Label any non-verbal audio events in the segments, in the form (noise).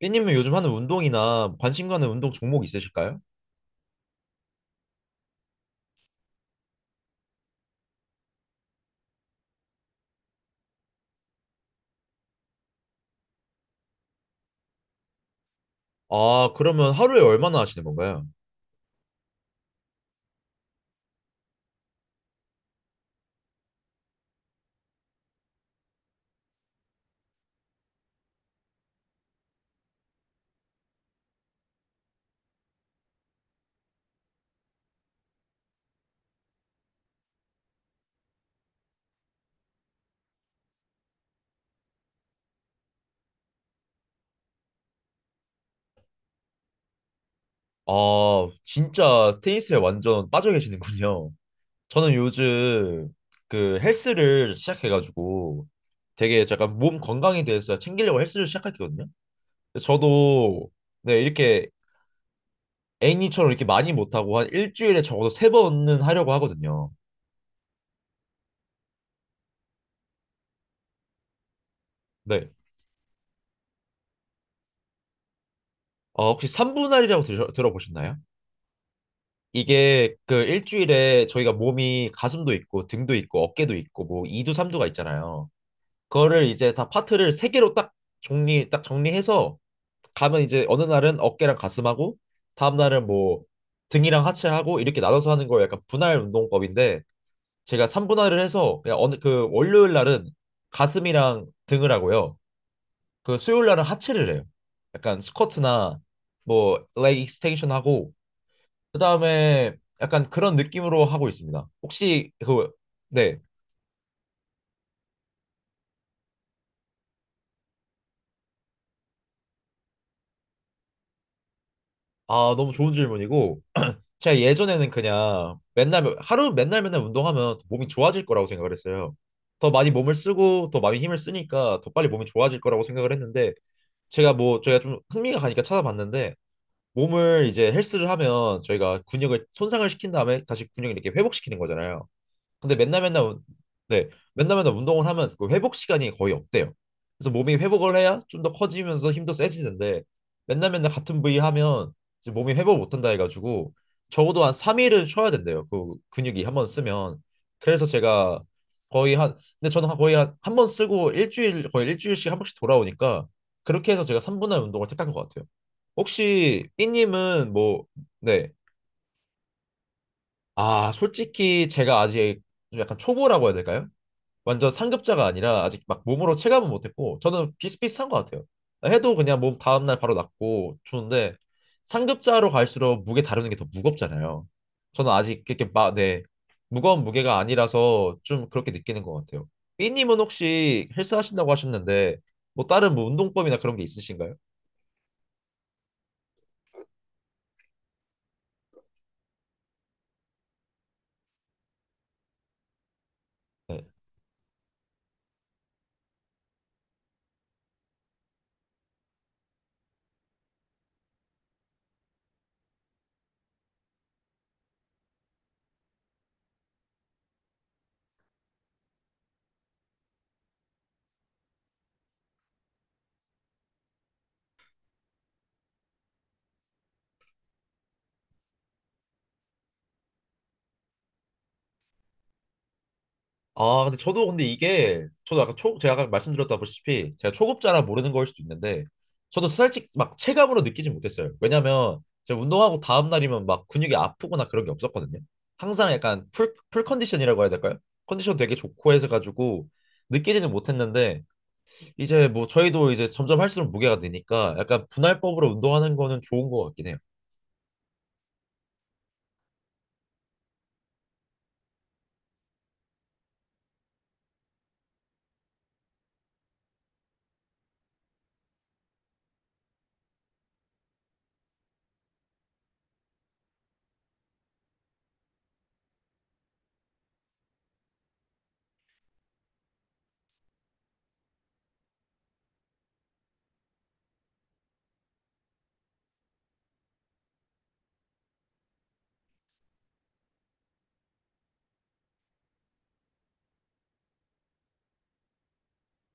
삐님은 요즘 하는 운동이나 관심 가는 운동 종목 있으실까요? 아, 그러면 하루에 얼마나 하시는 건가요? 아, 진짜 테니스에 완전 빠져 계시는군요. 저는 요즘 그 헬스를 시작해가지고 되게 약간 몸 건강에 대해서 챙기려고 헬스를 시작했거든요. 근데 저도 네, 이렇게 애니처럼 이렇게 많이 못하고 한 일주일에 적어도 세 번은 하려고 하거든요. 네. 아, 혹시 삼분할이라고 들어보셨나요? 이게 그 일주일에 저희가 몸이 가슴도 있고 등도 있고 어깨도 있고 뭐 2두 3두가 있잖아요. 그거를 이제 다 파트를 세 개로 딱 정리해서 가면 이제 어느 날은 어깨랑 가슴하고 다음 날은 뭐 등이랑 하체하고 이렇게 나눠서 하는 거 약간 분할 운동법인데 제가 3분할을 해서 그냥 어느 그 월요일 날은 가슴이랑 등을 하고요. 그 수요일 날은 하체를 해요. 약간 스쿼트나 뭐 레그 익스텐션 하고 그다음에 약간 그런 느낌으로 하고 있습니다. 혹시 그, 네. 아, 너무 좋은 질문이고 제가 예전에는 그냥 맨날 하루 맨날 맨날 운동하면 몸이 좋아질 거라고 생각을 했어요. 더 많이 몸을 쓰고 더 많이 힘을 쓰니까 더 빨리 몸이 좋아질 거라고 생각을 했는데 제가 뭐 저희가 좀 흥미가 가니까 찾아봤는데 몸을 이제 헬스를 하면 저희가 근육을 손상을 시킨 다음에 다시 근육을 이렇게 회복시키는 거잖아요. 근데 네, 맨날 맨날 운동을 하면 그 회복 시간이 거의 없대요. 그래서 몸이 회복을 해야 좀 더 커지면서 힘도 세지는데 맨날 맨날 같은 부위 하면 이제 몸이 회복 못한다 해가지고 적어도 한 3일은 쉬어야 된대요. 그 근육이 한번 쓰면 그래서 제가 거의 한, 근데 저는 거의 한 한 번 쓰고 일주일 거의 일주일씩 한 번씩 돌아오니까 그렇게 해서 제가 3분할 운동을 택한 것 같아요. 혹시 삐님은 뭐, 네. 아, 솔직히 제가 아직 좀 약간 초보라고 해야 될까요? 완전 상급자가 아니라 아직 막 몸으로 체감은 못했고 저는 비슷비슷한 것 같아요. 해도 그냥 몸 다음날 바로 낫고 좋은데 상급자로 갈수록 무게 다루는 게 더 무겁잖아요. 저는 아직 이렇게 막, 네, 무거운 무게가 아니라서 좀 그렇게 느끼는 것 같아요. 삐님은 혹시 헬스 하신다고 하셨는데 뭐 다른 뭐 운동법이나 그런 게 있으신가요? 네. 아, 근데 저도 근데 이게 저도 아까 초 제가 아까 말씀드렸다시피 제가 초급자라 모르는 거일 수도 있는데 저도 솔직히 막 체감으로 느끼지 못했어요. 왜냐면 제가 운동하고 다음 날이면 막 근육이 아프거나 그런 게 없었거든요. 항상 약간 풀 컨디션이라고 해야 될까요? 컨디션 되게 좋고 해서 가지고 느끼지는 못했는데 이제 뭐 저희도 이제 점점 할수록 무게가 느니까 약간 분할법으로 운동하는 거는 좋은 것 같긴 해요.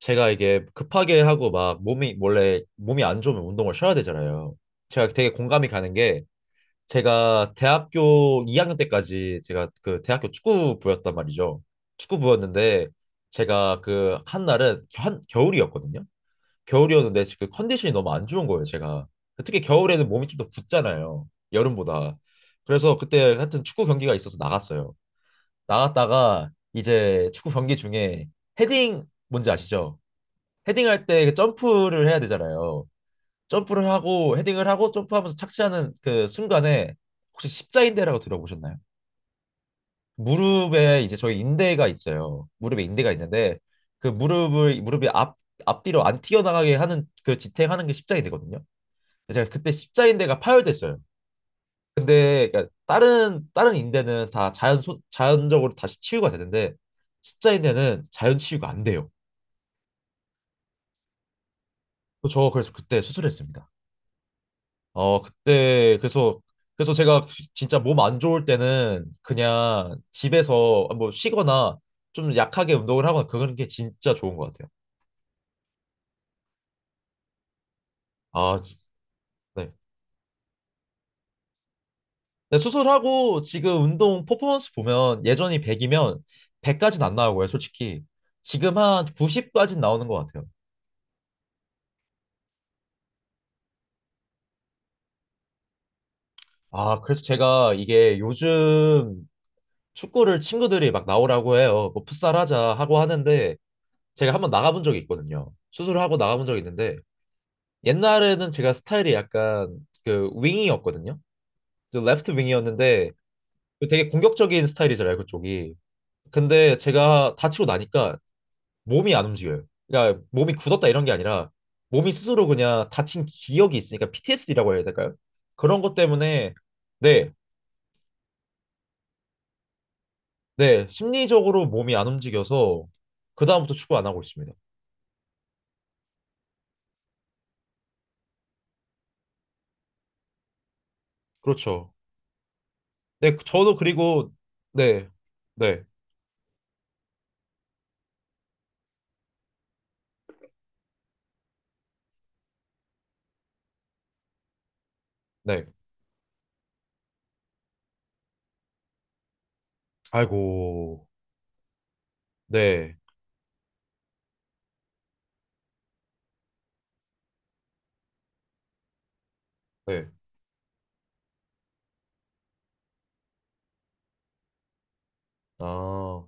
제가 이게 급하게 하고 막 몸이 원래 몸이 안 좋으면 운동을 쉬어야 되잖아요. 제가 되게 공감이 가는 게 제가 대학교 2학년 때까지 제가 그 대학교 축구부였단 말이죠. 축구부였는데 제가 그 한 날은 한 겨울이었거든요. 겨울이었는데 그 컨디션이 너무 안 좋은 거예요, 제가. 특히 겨울에는 몸이 좀 더 붓잖아요. 여름보다. 그래서 그때 하여튼 축구 경기가 있어서 나갔어요. 나갔다가 이제 축구 경기 중에 헤딩 뭔지 아시죠? 헤딩할 때그 점프를 해야 되잖아요. 점프를 하고 헤딩을 하고 점프하면서 착지하는 그 순간에 혹시 십자인대라고 들어보셨나요? 무릎에 이제 저희 인대가 있어요. 무릎에 인대가 있는데 그 무릎을 무릎이 앞 앞뒤로 안 튀어나가게 하는 그 지탱하는 게 십자인대거든요. 제가 그때 십자인대가 파열됐어요. 근데 그러니까 다른 인대는 다 자연적으로 다시 치유가 되는데 십자인대는 자연 치유가 안 돼요. 저 그래서 그때 수술했습니다. 어, 그때, 그래서, 그래서 제가 진짜 몸 안 좋을 때는 그냥 집에서 뭐 쉬거나 좀 약하게 운동을 하거나 그런 게 진짜 좋은 것 같아요. 아, 네. 근데 수술하고 지금 운동 퍼포먼스 보면 예전이 100이면 100까지는 안 나오고요, 솔직히. 지금 한 90까지는 나오는 것 같아요. 아, 그래서 제가 이게 요즘 축구를 친구들이 막 나오라고 해요. 뭐 풋살 하자 하고 하는데 제가 한번 나가본 적이 있거든요. 수술을 하고 나가본 적이 있는데 옛날에는 제가 스타일이 약간 그 윙이었거든요. 저 레프트 윙이었는데 그 되게 공격적인 스타일이잖아요, 그쪽이. 근데 제가 다치고 나니까 몸이 안 움직여요. 그러니까 몸이 굳었다 이런 게 아니라 몸이 스스로 그냥 다친 기억이 있으니까 PTSD라고 해야 될까요? 그런 것 때문에 네, 네, 심리적으로 몸이 안 움직여서 그다음부터 축구 안 하고 있습니다. 그렇죠. 네, 저도. 그리고 네, 네, 네. 아이고, 네, 네. 아.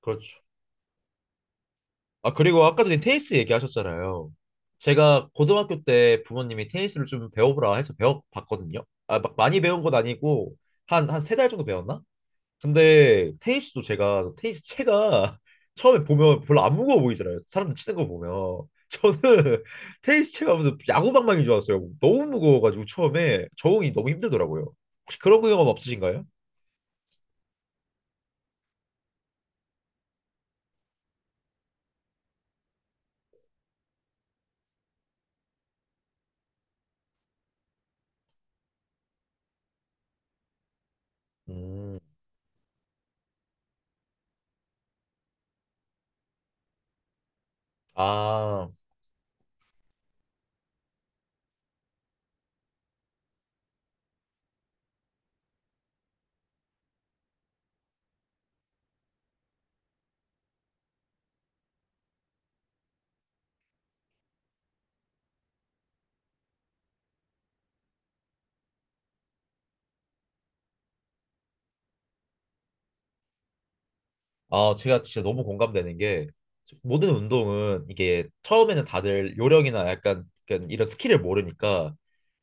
그렇죠. 아, 그리고 아까 전에 테니스 얘기하셨잖아요. 제가 고등학교 때 부모님이 테니스를 좀 배워보라 해서 배워봤거든요. 아, 막 많이 배운 건 아니고, 한 세 달 정도 배웠나? 근데 테니스도 제가, 테니스 채가 (laughs) 처음에 보면 별로 안 무거워 보이잖아요. 사람들 치는 거 보면. 저는 (laughs) 테니스 채가 무슨 야구방망이인 줄 알았어요. 너무 무거워가지고 처음에 적응이 너무 힘들더라고요. 혹시 그런 경험 없으신가요? 음, 아, 제가 진짜 너무 공감되는 게 모든 운동은 이게 처음에는 다들 요령이나 약간 이런 스킬을 모르니까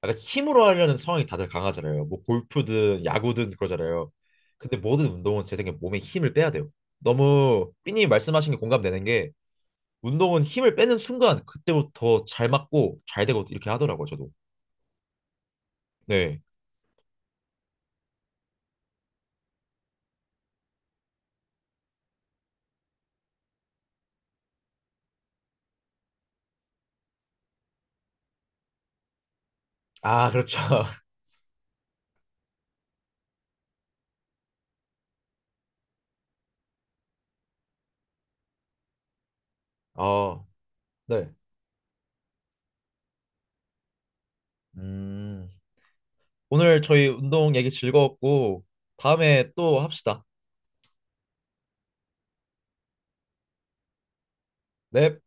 약간 힘으로 하려는 성향이 다들 강하잖아요. 뭐 골프든 야구든 그러잖아요. 근데 모든 운동은 제 생각에 몸에 힘을 빼야 돼요. 너무 삐님 말씀하신 게 공감되는 게 운동은 힘을 빼는 순간 그때부터 잘 맞고 잘 되고 이렇게 하더라고요, 저도. 네. 아, 그렇죠. (laughs) 어, 네. 음, 오늘 저희 운동 얘기 즐거웠고 다음에 또 합시다. 넵.